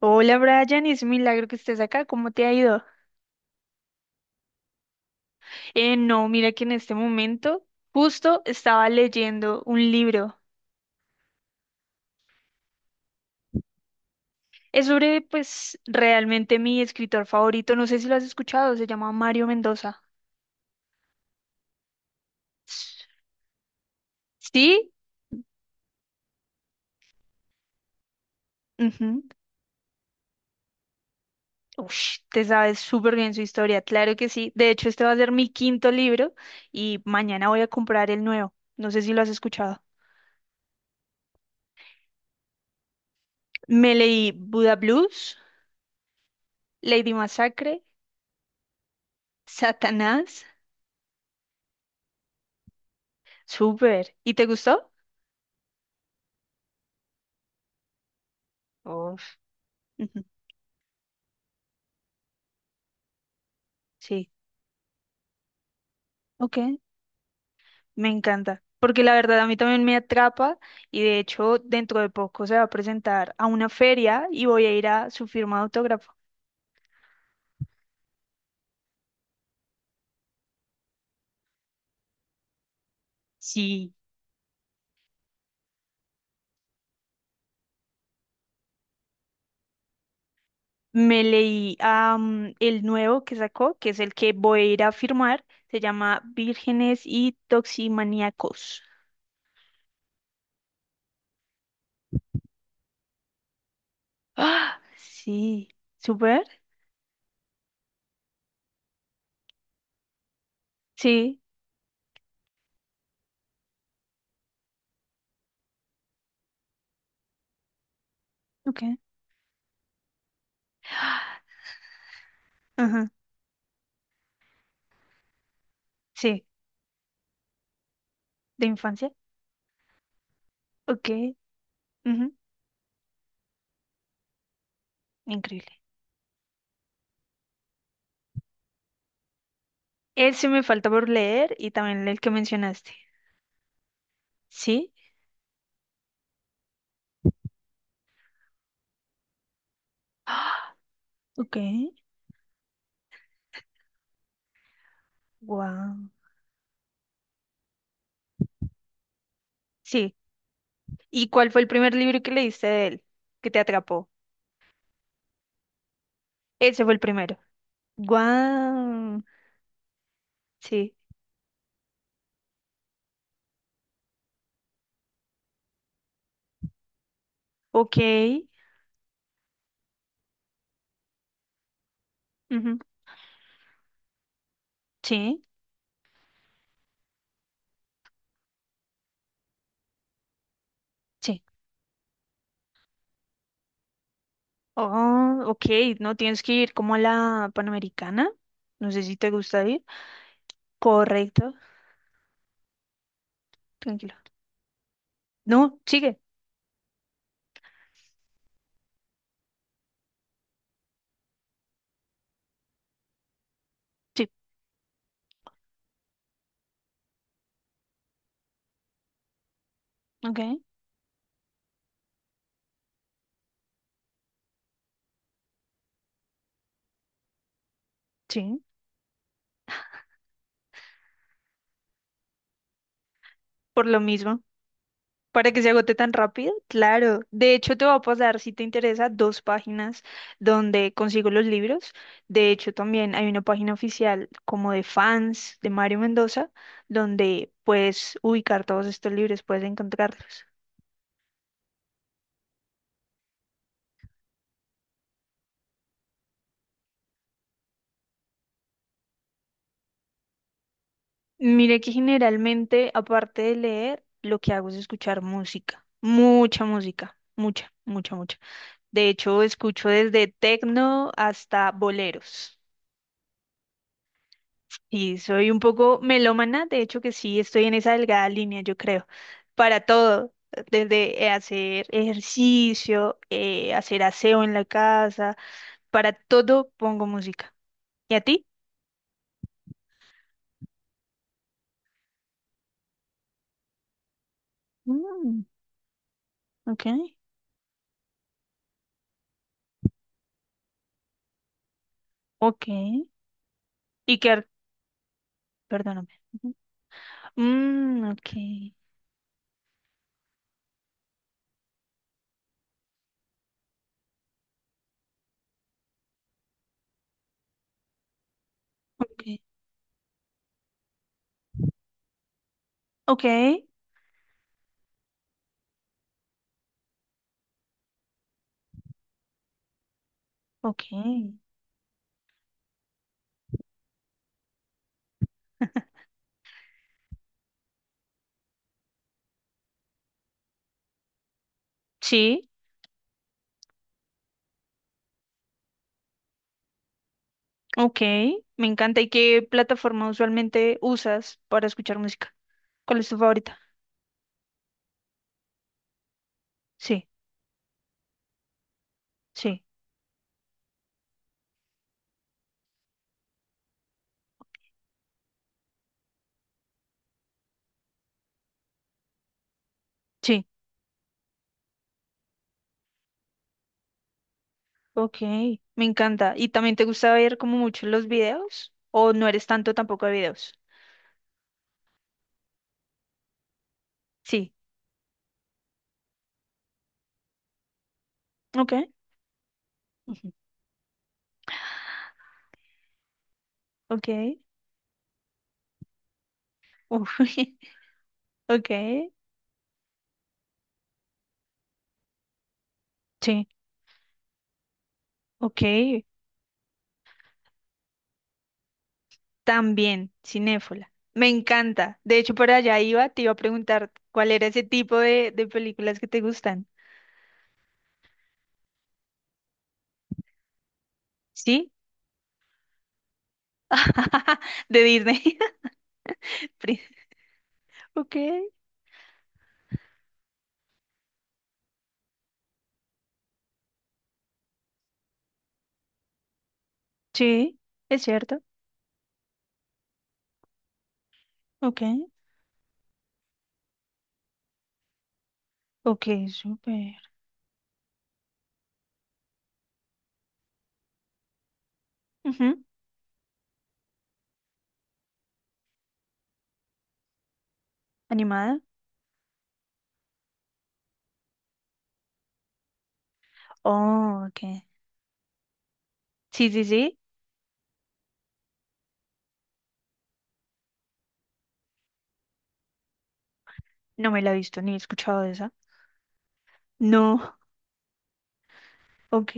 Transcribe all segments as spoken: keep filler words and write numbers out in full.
Hola Brian, es un milagro que estés acá. ¿Cómo te ha ido? Eh, no, mira que en este momento justo estaba leyendo un libro. Es sobre, pues, realmente mi escritor favorito. No sé si lo has escuchado, se llama Mario Mendoza. S- ¿Sí? Ujú. Ush, te sabes súper bien su historia, claro que sí. De hecho, este va a ser mi quinto libro y mañana voy a comprar el nuevo. No sé si lo has escuchado. Me leí Buda Blues, Lady Masacre, Satanás. Súper. ¿Y te gustó? Oh. Ujú. Sí, ok, me encanta. Porque la verdad a mí también me atrapa y de hecho dentro de poco se va a presentar a una feria y voy a ir a su firma de autógrafo. Sí. Me leí am, el nuevo que sacó, que es el que voy a ir a firmar. Se llama Vírgenes y Toximaníacos. Ah, sí. ¿Súper? Sí. Ok. Ah. Ajá. Sí. ¿De infancia? Ok. Ujú. Increíble. Ese me falta por leer y también el que mencionaste. ¿Sí? Ah. Ok. Wow. Sí. ¿Y cuál fue el primer libro que leíste de él que te atrapó? Ese fue el primero. Wow. Sí. Ok. Ujú. Sí. Sí. Oh, ok. No tienes que ir como a la Panamericana. No sé si te gusta ir. Correcto. Tranquilo. No, sigue. Sí. Ok. Sí. Por lo mismo. Para que se agote tan rápido, claro. De hecho, te voy a pasar, si te interesa, dos páginas donde consigo los libros. De hecho, también hay una página oficial como de fans de Mario Mendoza, donde puedes ubicar todos estos libros, puedes encontrarlos. Mire que generalmente, aparte de leer, lo que hago es escuchar música. Mucha música, mucha, mucha, mucha. De hecho, escucho desde tecno hasta boleros. Sí, soy un poco melómana, de hecho que sí, estoy en esa delgada línea, yo creo, para todo, desde eh, hacer ejercicio, eh, hacer aseo en la casa, para todo pongo música. ¿Y a ti? Mm, ok, ok. Y que, ar- Perdóname. Ujú. Mm, ok, ok, ok, ok. Sí, ok, me encanta. ¿Y qué plataforma usualmente usas para escuchar música? ¿Cuál es tu favorita? Sí, sí. Sí. Ok, me encanta. ¿Y también te gusta ver como mucho los videos? ¿O no eres tanto tampoco de videos? Sí, ok. Ujú. Ok. Uf. Ok. Sí, ok. También, cinéfila. Me encanta. De hecho, por allá iba, te iba a preguntar cuál era ese tipo de, de películas que te gustan. ¿Sí? De Disney. Pri- Ok. Sí, es cierto. Ok. Ok, súper. Ujú. Animada. Oh, ok. Sí, sí, sí. No me la he visto ni he escuchado de esa. No. Ok,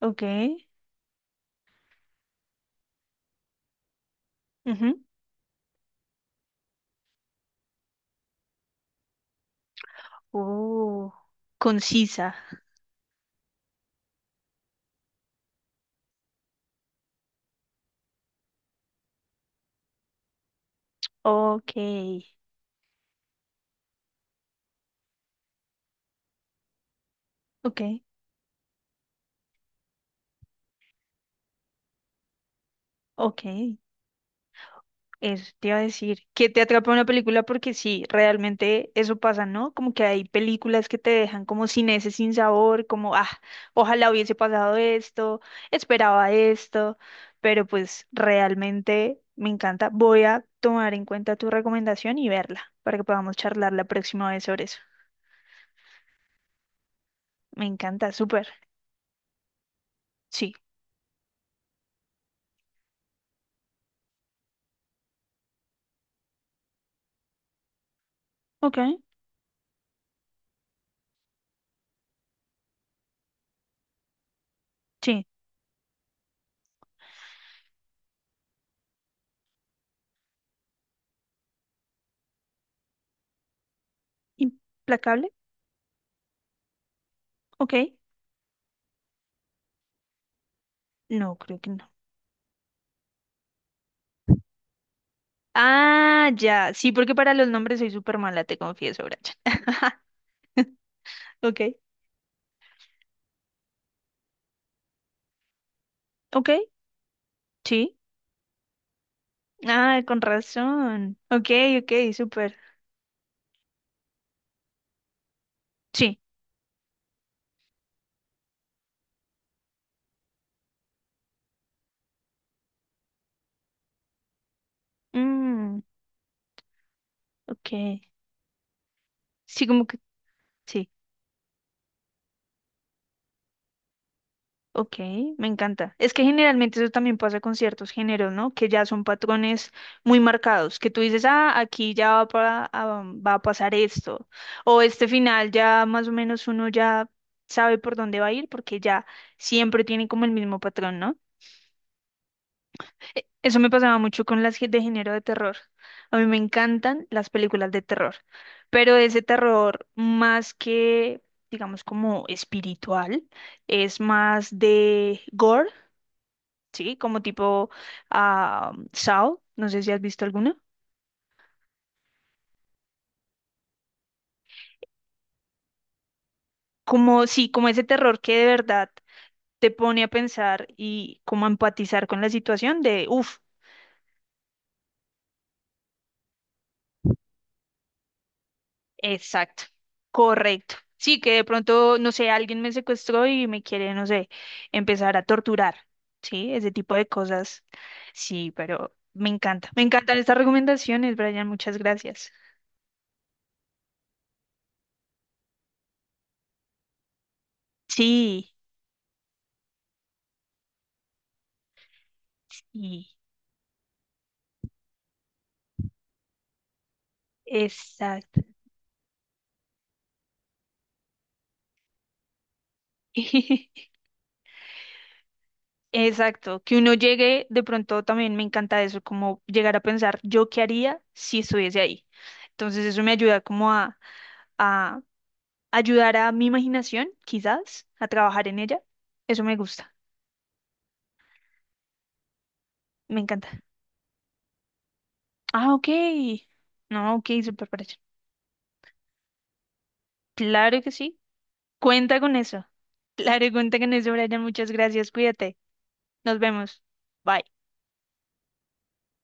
ok. Ujú. Oh, concisa. Ok, ok, ok. Eso te iba a decir. Que te atrapa una película porque sí, realmente eso pasa, ¿no? Como que hay películas que te dejan como sin ese sin sabor, como, ah, ojalá hubiese pasado esto, esperaba esto, pero pues realmente me encanta. Voy a tomar en cuenta tu recomendación y verla para que podamos charlar la próxima vez sobre eso. Me encanta, súper. Sí. Ok. Sí. ¿Implacable? Ok. No, creo que no. Ah, ya. Sí, porque para los nombres soy súper mala, te confieso, Brian. Ok. Ok. Sí. Ah, con razón. Ok, ok, súper. Sí. Mm, ok. Sí, como que. Sí. Ok, me encanta. Es que generalmente eso también pasa con ciertos géneros, ¿no? Que ya son patrones muy marcados, que tú dices, ah, aquí ya va, para- ah, va a pasar esto, o este final ya más o menos uno ya sabe por dónde va a ir porque ya siempre tiene como el mismo patrón, ¿no? E- Eso me pasaba mucho con las ge- de género de terror. A mí me encantan las películas de terror, pero ese terror más que, digamos, como espiritual, es más de gore, ¿sí? Como tipo ah, Saw, no sé si has visto alguna. Como, sí, como ese terror que de verdad te pone a pensar y como a empatizar con la situación de, uff, exacto, correcto. Sí, que de pronto, no sé, alguien me secuestró y me quiere, no sé, empezar a torturar, ¿sí? Ese tipo de cosas. Sí, pero me encanta. Me encantan estas recomendaciones, Brian, muchas gracias. Sí, sí, exacto. Exacto, que uno llegue, de pronto también me encanta eso, como llegar a pensar yo qué haría si estuviese ahí. Entonces eso me ayuda como a, a ayudar a mi imaginación, quizás, a trabajar en ella. Eso me gusta, me encanta. Ah, ok. No, ok, súper parecido. Claro que sí. Cuenta con eso. Claro, cuenta con eso, Brian. Muchas gracias. Cuídate. Nos vemos. Bye.